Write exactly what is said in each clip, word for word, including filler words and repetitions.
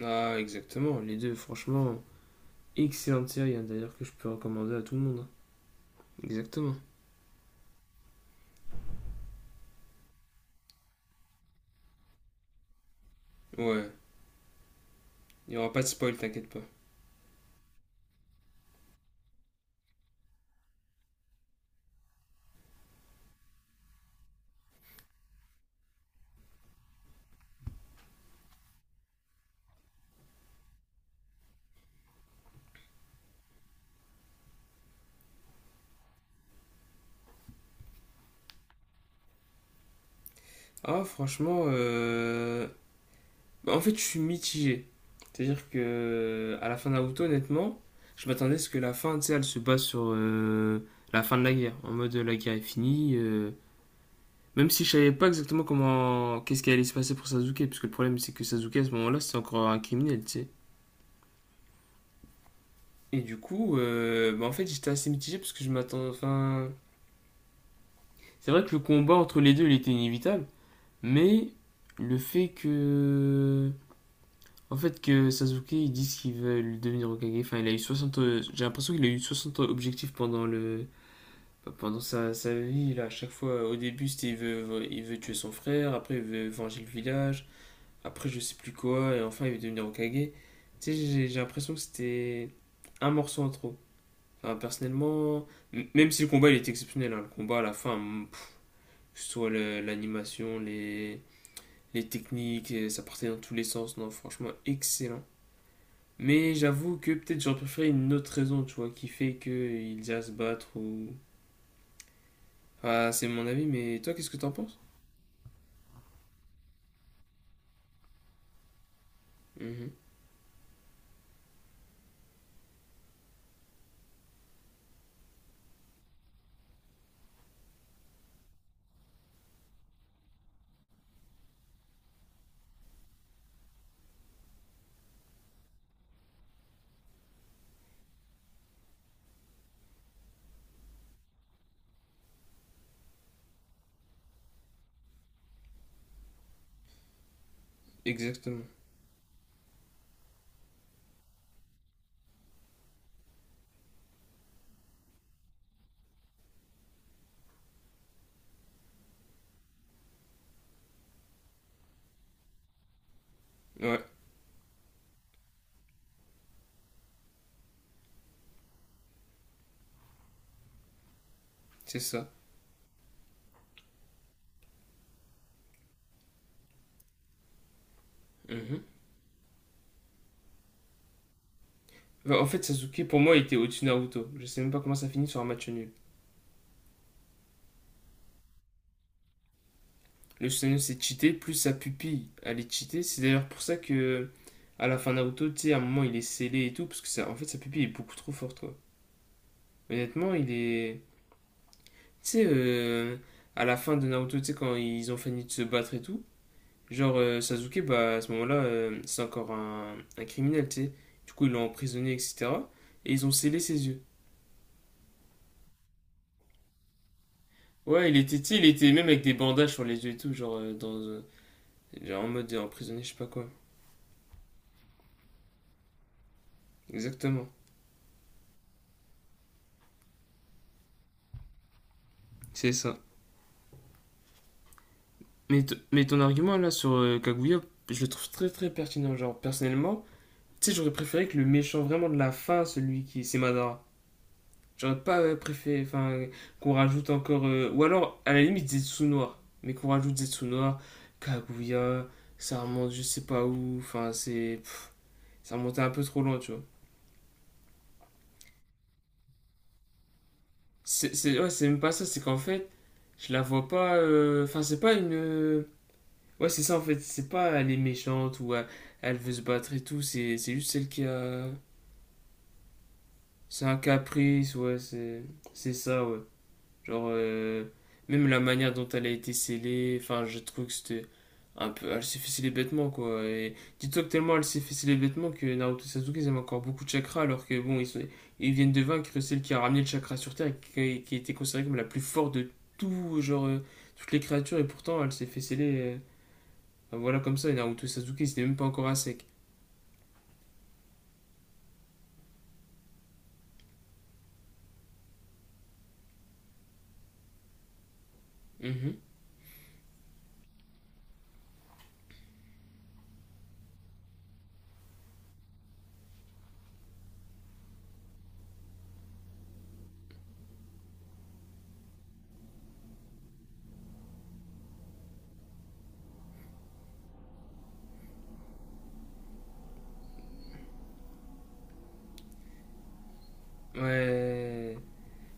Ah, exactement, les deux, franchement, excellente série, hein, d'ailleurs, que je peux recommander à tout le monde, hein. Exactement. Ouais, il n'y aura pas de spoil, t'inquiète pas. Ah, franchement, euh... bah, en fait, je suis mitigé. C'est-à-dire que, à la fin de Naruto, honnêtement, je m'attendais à ce que la fin, tu sais, elle se base sur euh, la fin de la guerre. En mode, euh, la guerre est finie. euh, Même si je savais pas exactement comment. Qu'est-ce qui allait se passer pour Sasuke, parce que le problème, c'est que Sasuke, à ce moment-là, c'est encore un criminel, tu sais. Et du coup, euh, bah, en fait, j'étais assez mitigé parce que je m'attends. Enfin, c'est vrai que le combat entre les deux, il était inévitable, mais le fait que. En fait, que Sasuke, ils disent qu'ils veulent devenir Hokage. Enfin, il a eu soixante euh, J'ai l'impression qu'il a eu soixante objectifs pendant le. Bah, Pendant sa, sa vie, là, à chaque fois, au début, c'était il veut, il veut tuer son frère, après, il veut venger le village, après, je sais plus quoi, et enfin, il veut devenir Hokage. Tu sais, j'ai j'ai l'impression que c'était un morceau en trop. Enfin, personnellement, m- même si le combat il est exceptionnel, hein, le combat à la fin, mm, pff, que ce soit le- l'animation, les, les techniques, et ça partait dans tous les sens, non, franchement, excellent. Mais j'avoue que peut-être j'aurais préféré une autre raison, tu vois, qui fait qu'ils aient à se battre ou. Ah, c'est mon avis, mais toi, qu'est-ce que t'en penses? Mhm. Exactement. Ouais, c'est ça. Mhm. Bah, en fait, Sasuke, pour moi, il était au-dessus de Naruto. Je sais même pas comment ça finit sur un match nul. Le Susanoo s'est cheaté, plus sa pupille, elle est cheatée. C'est d'ailleurs pour ça que à la fin de Naruto, tu sais, à un moment il est scellé et tout, parce que ça, en fait sa pupille est beaucoup trop forte, quoi. Honnêtement, il est. Tu sais, euh, à la fin de Naruto, tu sais, quand ils ont fini de se battre et tout, genre euh, Sasuke, bah à ce moment-là, euh, c'est encore un, un criminel, tu sais. Du coup, ils l'ont emprisonné, et cetera. Et ils ont scellé ses yeux. Ouais, il était, tu sais, il était même avec des bandages sur les yeux et tout, genre, euh, dans, euh, genre en mode emprisonné, je sais pas quoi. Exactement. C'est ça. Mais, t- mais ton argument là sur euh, Kaguya, je le trouve très très pertinent. Genre, personnellement, tu sais, j'aurais préféré que le méchant vraiment de la fin, celui qui. C'est Madara. J'aurais pas euh, préféré enfin, euh, qu'on rajoute encore euh, ou alors, à la limite, Zetsu Noir. Mais qu'on rajoute Zetsu Noir, Kaguya, ça remonte je sais pas où. Enfin, c'est. Pff, Ça remontait un peu trop loin, tu vois. C'est c'est- ouais, c'est même pas ça, c'est qu'en fait, je la vois pas. euh, Enfin, c'est pas une. Euh, Ouais, c'est ça en fait, c'est pas elle est méchante ou elle, elle veut se battre et tout, c'est c'est juste celle qui a. C'est un caprice, ouais, c'est c'est ça, ouais. Genre, euh, même la manière dont elle a été scellée, enfin, je trouve que c'était un peu. Elle s'est fait sceller bêtement, quoi. Et dis-toi que tellement elle s'est fait sceller bêtement que Naruto et Sasuke, ils avaient encore beaucoup de chakra, alors que bon, ils, sont- ils viennent de vaincre celle qui a ramené le chakra sur Terre et qui, qui était considérée comme la plus forte de tout, genre, euh, toutes les créatures, et pourtant elle s'est fait sceller. euh, ah, Voilà, comme ça, Naruto Sasuke, c'était même pas encore à sec. Mhm. Ouais.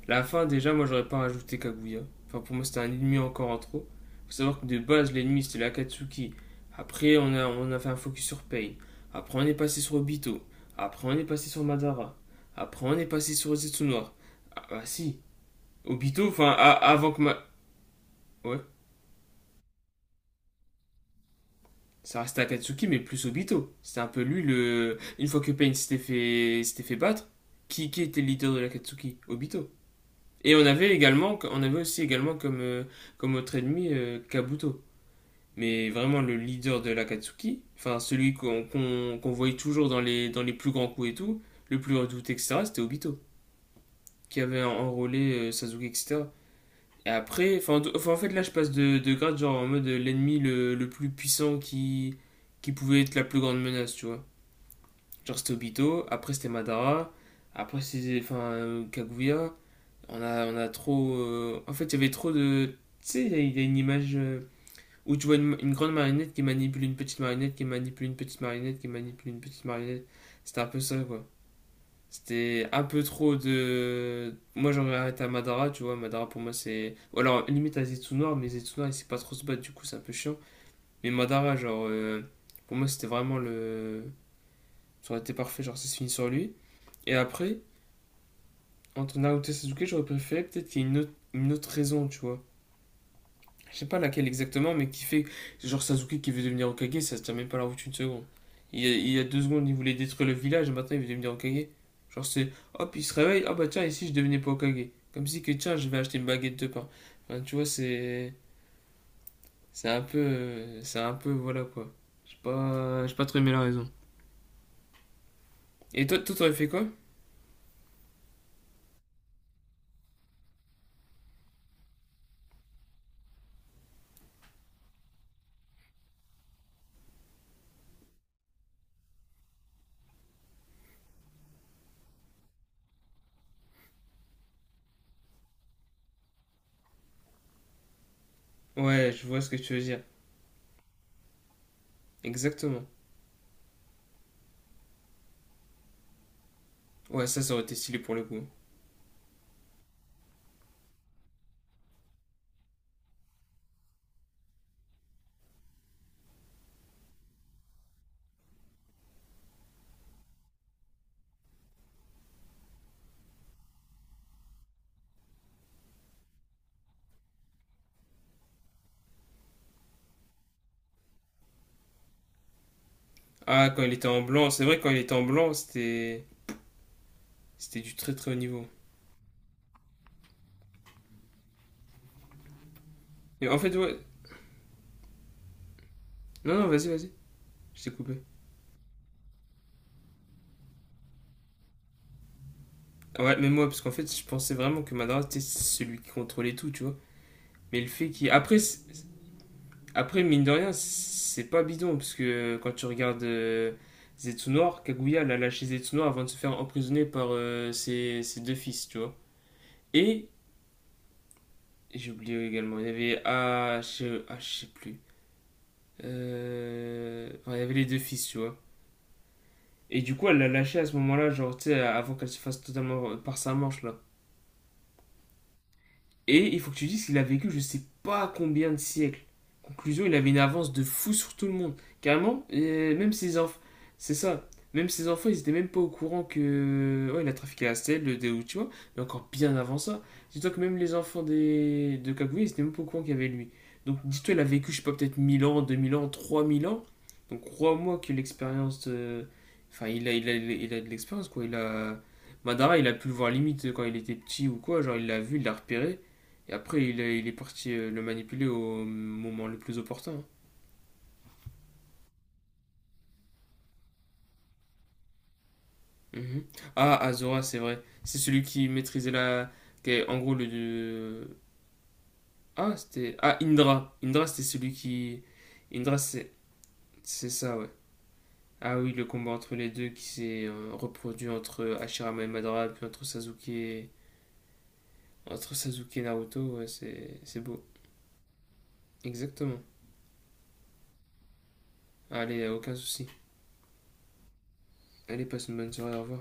La fin, déjà, moi, j'aurais pas rajouté Kaguya. Enfin, pour moi, c'était un ennemi encore en trop. Faut savoir que de base, l'ennemi, c'était l'Akatsuki. Après, on a, on a fait un focus sur Pain. Après, on est passé sur Obito. Après, on est passé sur Madara. Après, on est passé sur Zetsu Noir. Ah, bah si. Obito, enfin, a- avant que ma... Ouais. Ça restait Akatsuki, mais plus Obito. C'était un peu lui, le... Une fois que Pain s'était fait... s'était fait battre, qui, qui était le leader de l'Akatsuki Obito. Et on avait également, on avait aussi également comme, euh, comme autre ennemi euh, Kabuto. Mais vraiment le leader de l'Akatsuki, enfin celui qu'on qu'on qu'on voyait toujours dans les, dans les plus grands coups et tout, le plus redouté, et cetera, c'était Obito, qui avait en- enrôlé euh, Sasuke, et cetera. Et après, enfin en tout- enfin, en fait là je passe de, de grade genre en mode euh, l'ennemi le, le plus puissant qui, qui pouvait être la plus grande menace, tu vois. Genre c'était Obito, après c'était Madara, après c'était enfin, euh, Kaguya. On a, on a trop. euh, En fait, il y avait trop de. Tu sais, il y a- il y a une image euh, où tu vois une, une grande marionnette qui manipule une petite marionnette, qui manipule une petite marionnette, qui manipule une petite marionnette. C'était un peu ça, quoi. C'était un peu trop de. Moi, j'aurais arrêté à Madara, tu vois. Madara, pour moi, c'est. Ou alors, limite à Zetsu noir mais Zetsunoir, il sait pas trop se battre, du coup, c'est un peu chiant. Mais Madara, genre. euh, Pour moi, c'était vraiment le. Ça aurait été parfait, genre, ça se finit sur lui. Et après, entre Naruto et Sasuke, j'aurais préféré peut-être qu'il y ait une autre, une autre raison, tu vois. Je sais pas laquelle exactement, mais qui fait. Genre Sasuke qui veut devenir Hokage, ça se tient même pas la route une seconde. Il y a, il y a deux secondes, il voulait détruire le village et maintenant il veut devenir Hokage. Genre c'est. Hop, il se réveille, ah bah tiens, ici je devenais pas Hokage. Comme si que tiens, je vais acheter une baguette de pain. Enfin, tu vois, c'est. C'est un peu. euh, C'est un peu. Voilà quoi. J'ai pas. J'ai pas trop aimé la raison. Et toi, toi t'aurais fait quoi? Ouais, je vois ce que tu veux dire. Exactement. Ouais, ça, ça aurait été stylé pour le coup. Ah, quand il était en blanc, c'est vrai, quand il était en blanc, c'était. C'était du très très haut niveau. Et en fait, ouais. Non, non, vas-y, vas-y, je t'ai coupé. Ah ouais, mais moi, parce qu'en fait, je pensais vraiment que Madara, c'était celui qui contrôlait tout, tu vois. Mais le fait qu'il. Après, c'est- après, mine de rien, c'est pas bidon, parce que quand tu regardes euh, Zetsunor, Kaguya l'a lâché Zetsunor avant de se faire emprisonner par euh, ses, ses deux fils, tu vois. Et, j'ai oublié également, il y avait. Ah, je ah, je sais plus. Euh, enfin, il y avait les deux fils, tu vois. Et du coup, elle l'a lâché à ce moment-là, genre, tu sais, avant qu'elle se fasse totalement par sa manche, là. Et il faut que tu dises qu'il a vécu je sais pas combien de siècles. Conclusion, il avait une avance de fou sur tout le monde. Carrément, euh, même ses enfants. C'est ça. Même ses enfants, ils étaient même pas au courant que. Ouais, il a trafiqué la stèle, le déo, tu vois. Mais encore bien avant ça. Dis-toi que même les enfants des... de Kaguya, ils étaient même pas au courant qu'il y avait lui. Donc dis-toi, il a vécu, je sais pas, peut-être mille ans, deux mille ans, trois mille ans. Donc crois-moi que l'expérience. de- enfin, il a, il a, il a il a de l'expérience, quoi. Il a. Madara, il a pu le voir limite quand il était petit ou quoi. Genre, il l'a vu, il l'a repéré. Et après, il est, il est parti euh, le manipuler au moment le plus opportun, hein. Mhm. Ah, Azora, c'est vrai. C'est celui qui maîtrisait la. Qui est, en gros, le. le- ah, c'était. Ah, Indra. Indra, c'était celui qui. Indra, c'est c'est ça, ouais. Ah oui, le combat entre les deux qui s'est euh, reproduit entre Hashirama et Madara, puis entre Sasuke et, entre Sasuke et Naruto, ouais, c'est c'est beau. Exactement. Allez, euh, aucun souci. Allez, passe une bonne soirée, au revoir.